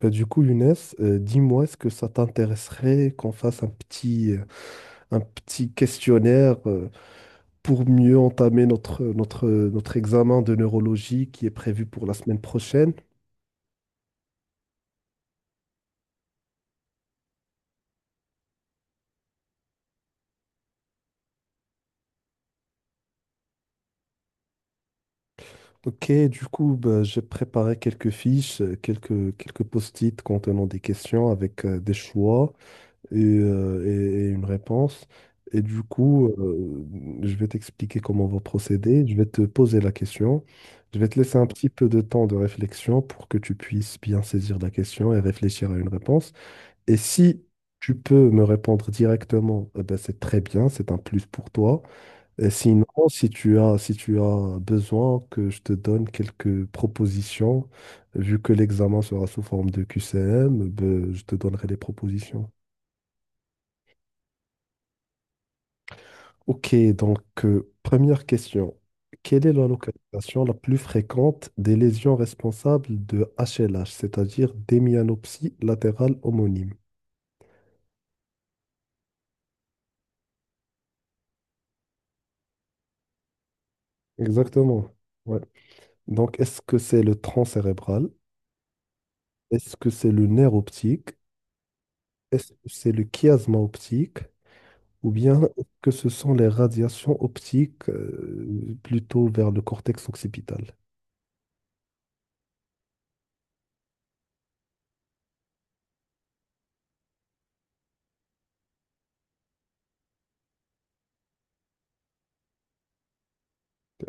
Bah, du coup, Younes, dis-moi, est-ce que ça t'intéresserait qu'on fasse un petit questionnaire pour mieux entamer notre examen de neurologie qui est prévu pour la semaine prochaine? Ok, du coup, bah, j'ai préparé quelques fiches, quelques post-it contenant des questions avec des choix. Et une réponse. Et du coup, je vais t'expliquer comment on va procéder. Je vais te poser la question. Je vais te laisser un petit peu de temps de réflexion pour que tu puisses bien saisir la question et réfléchir à une réponse. Et si tu peux me répondre directement, eh ben, c'est très bien, c'est un plus pour toi. Et sinon, si tu as besoin que je te donne quelques propositions, vu que l'examen sera sous forme de QCM, ben, je te donnerai des propositions. Ok, donc première question. Quelle est la localisation la plus fréquente des lésions responsables de HLH, c'est-à-dire d'hémianopsie latérale homonyme? Exactement. Ouais. Donc, est-ce que c'est le tronc cérébral? Est-ce que c'est le nerf optique? Est-ce que c'est le chiasma optique? Ou bien est-ce que ce sont les radiations optiques plutôt vers le cortex occipital?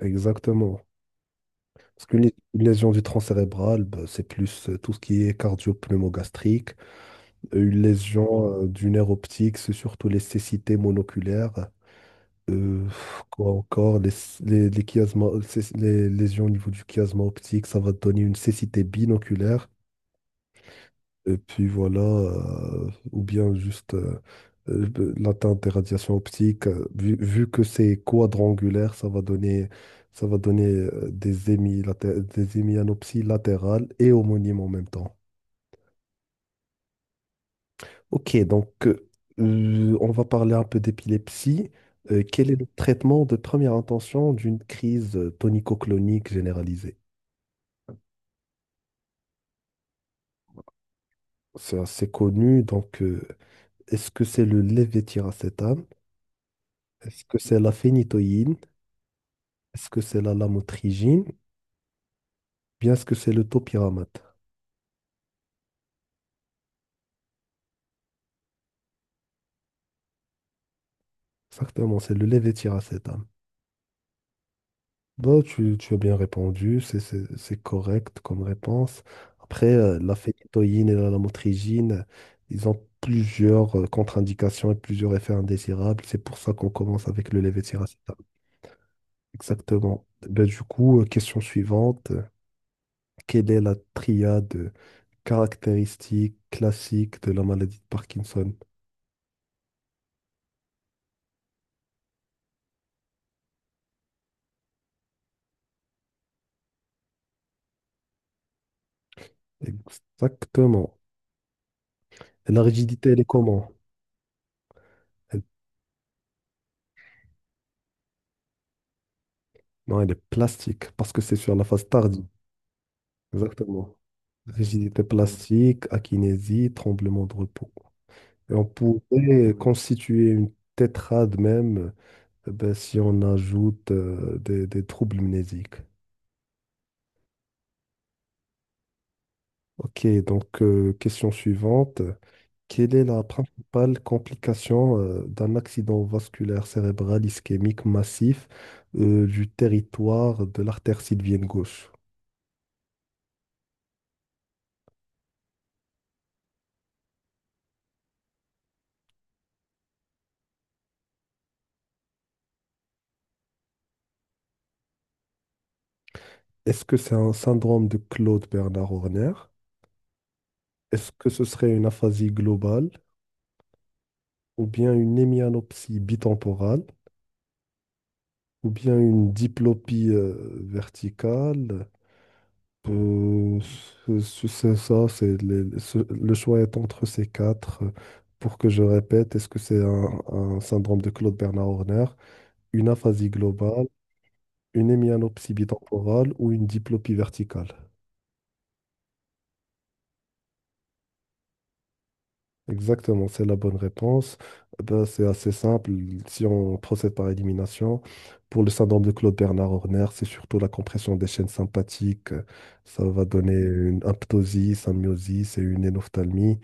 Exactement. Parce qu'une lésion du tronc cérébral, bah, c'est plus tout ce qui est cardio-pneumogastrique. Une lésion du nerf optique, c'est surtout les cécités monoculaires. Quoi encore, les, chiasma- les lésions au niveau du chiasma optique, ça va te donner une cécité binoculaire. Et puis voilà, ou bien juste, l'atteinte des radiations optiques, vu que c'est quadrangulaire, ça va donner des hémianopsies latérales et homonymes en même temps. Ok, donc on va parler un peu d'épilepsie. Quel est le traitement de première intention d'une crise tonico-clonique généralisée? C'est assez connu, donc est-ce que c'est le lévétiracétam? Est-ce que c'est la phénitoïne? Est-ce que c'est la lamotrigine? Bien, est-ce que c'est le topiramate? Exactement, c'est le levétiracétam. Bah, tu as bien répondu, c'est correct comme réponse. Après, la phénitoïne et la lamotrigine, ils ont plusieurs contre-indications et plusieurs effets indésirables. C'est pour ça qu'on commence avec le levétiracétam. Exactement. Ben du coup, question suivante. Quelle est la triade caractéristique classique de la maladie de Parkinson? Exactement. La rigidité, elle est comment? Elle- Non, elle est plastique, parce que c'est sur la phase tardive. Exactement. Rigidité plastique, akinésie, tremblement de repos. Et on pourrait constituer une tétrade même, ben, si on ajoute des troubles mnésiques. Ok, donc question suivante. Quelle est la principale complication d'un accident vasculaire cérébral ischémique massif du territoire de l'artère sylvienne gauche? Est-ce que c'est un syndrome de Claude Bernard Horner? Est-ce que ce serait une aphasie globale ou bien une hémianopsie bitemporale ou bien une diplopie verticale? Euh, c'est ça, le choix est entre ces quatre. Pour que je répète, est-ce que c'est un syndrome de Claude Bernard Horner, une aphasie globale, une hémianopsie bitemporale ou une diplopie verticale? Exactement, c'est la bonne réponse. Eh ben, c'est assez simple. Si on procède par élimination, pour le syndrome de Claude-Bernard Horner, c'est surtout la compression des chaînes sympathiques. Ça va donner une aptosie, symiosis et une énophtalmie.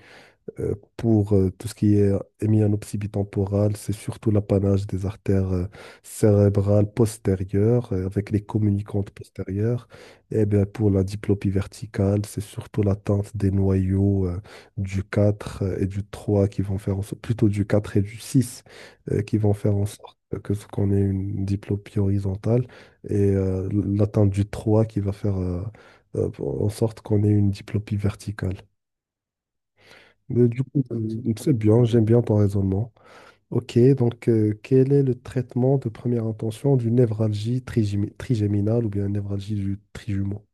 Pour tout ce qui est hémianopsie bitemporale, c'est surtout l'apanage des artères cérébrales postérieures avec les communicantes postérieures. Et bien, pour la diplopie verticale, c'est surtout l'atteinte des noyaux du 4 et du 3 qui vont faire en sorte, plutôt du 4 et du 6, qui vont faire en sorte que ce qu'on ait une diplopie horizontale et l'atteinte du 3 qui va faire en sorte qu'on ait une diplopie verticale. Mais du coup, c'est bien, j'aime bien ton raisonnement. Ok, donc quel est le traitement de première intention d'une névralgie trigéminale ou bien névralgie du trijumeau?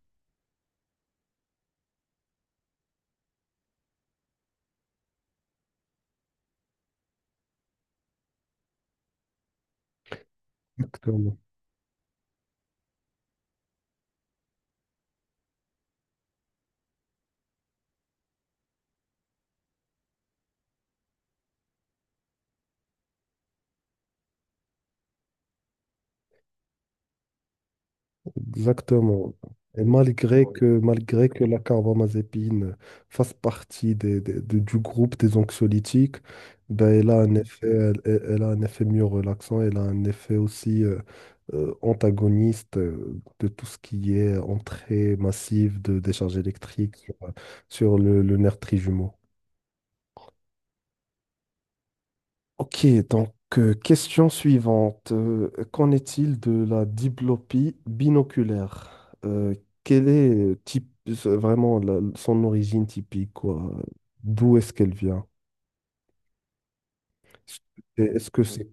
Exactement. Et malgré, oui, que la carbamazépine fasse partie du groupe des anxiolytiques, ben elle a un effet, elle a un effet mieux relaxant, elle a un effet aussi antagoniste de tout ce qui est entrée massive de décharge électrique sur le nerf trijumeau. Ok, donc question suivante. Qu'en est-il de la diplopie binoculaire? Quelle est vraiment son origine typique, quoi? D'où est-ce qu'elle vient? Et Est-ce que c'est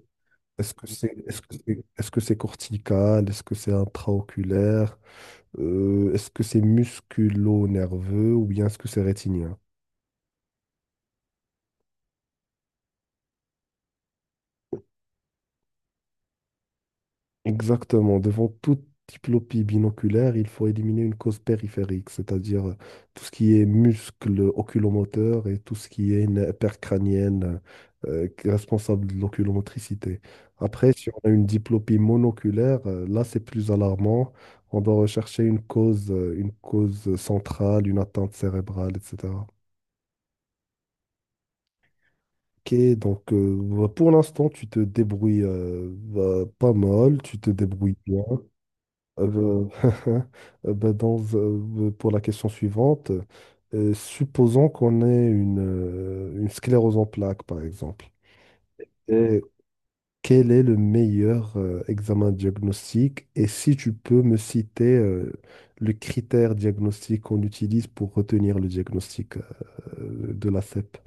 est-ce que c'est cortical? Est-ce que c'est intraoculaire? Est-ce que c'est musculo-nerveux ou bien est-ce que c'est rétinien? Exactement. Devant toute diplopie binoculaire, il faut éliminer une cause périphérique, c'est-à-dire tout ce qui est muscle oculomoteur et tout ce qui est nerf percrânienne qui est responsable de l'oculomotricité. Après, si on a une diplopie monoculaire, là, c'est plus alarmant. On doit rechercher une cause centrale, une atteinte cérébrale, etc. Ok, donc bah, pour l'instant, tu te débrouilles bah, pas mal, tu te débrouilles bien. Euh, ben, pour la question suivante, supposons qu'on ait une sclérose en plaques, par exemple. Et quel est le meilleur examen diagnostique? Et si tu peux me citer le critère diagnostique qu'on utilise pour retenir le diagnostic, de la CEP.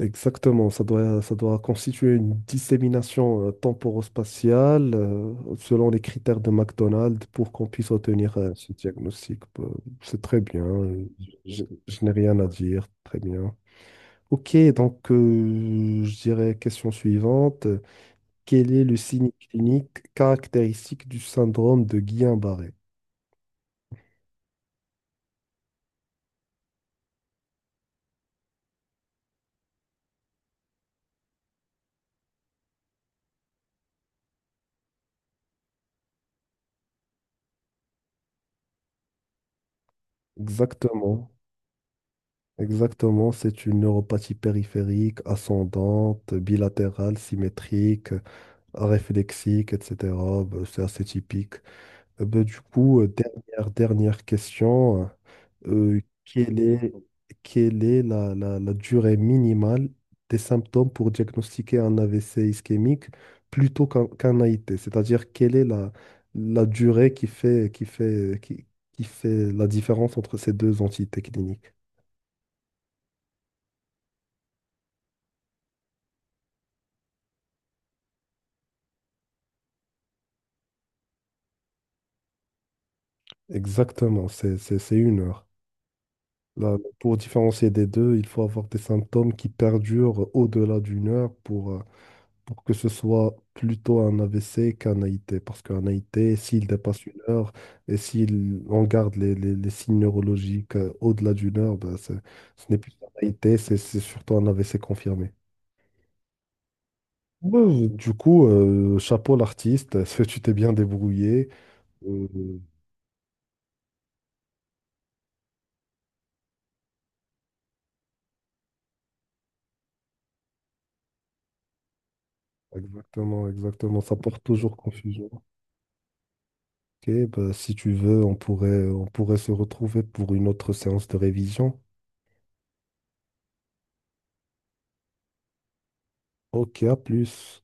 Exactement, ça doit constituer une dissémination temporospatiale selon les critères de McDonald's pour qu'on puisse obtenir ce diagnostic. Bah, c'est très bien, je n'ai rien à dire, très bien. Ok, donc je dirais question suivante. Quel est le signe clinique caractéristique du syndrome de Guillain-Barré? Exactement, exactement. C'est une neuropathie périphérique, ascendante, bilatérale, symétrique, réflexique, etc. Ben, c'est assez typique. Ben, du coup, dernière question. Euh, quelle est, quelle est la durée minimale des symptômes pour diagnostiquer un AVC ischémique plutôt qu'un AIT? C'est-à-dire, quelle est la durée qui fait la différence entre ces deux entités cliniques? Exactement, c'est une heure. Là, pour différencier des deux, il faut avoir des symptômes qui perdurent au-delà d'une heure pour que ce soit plutôt un AVC qu'un AIT. Parce qu'un AIT, s'il dépasse une heure et s'il on garde les signes neurologiques au-delà d'une heure, ben, ce n'est plus un AIT, c'est surtout un AVC confirmé. Ouais, du coup, chapeau l'artiste, parce que tu t'es bien débrouillé. Euh, Exactement, exactement, ça porte toujours confusion. Ok, bah si tu veux, on pourrait se retrouver pour une autre séance de révision. Ok, à plus.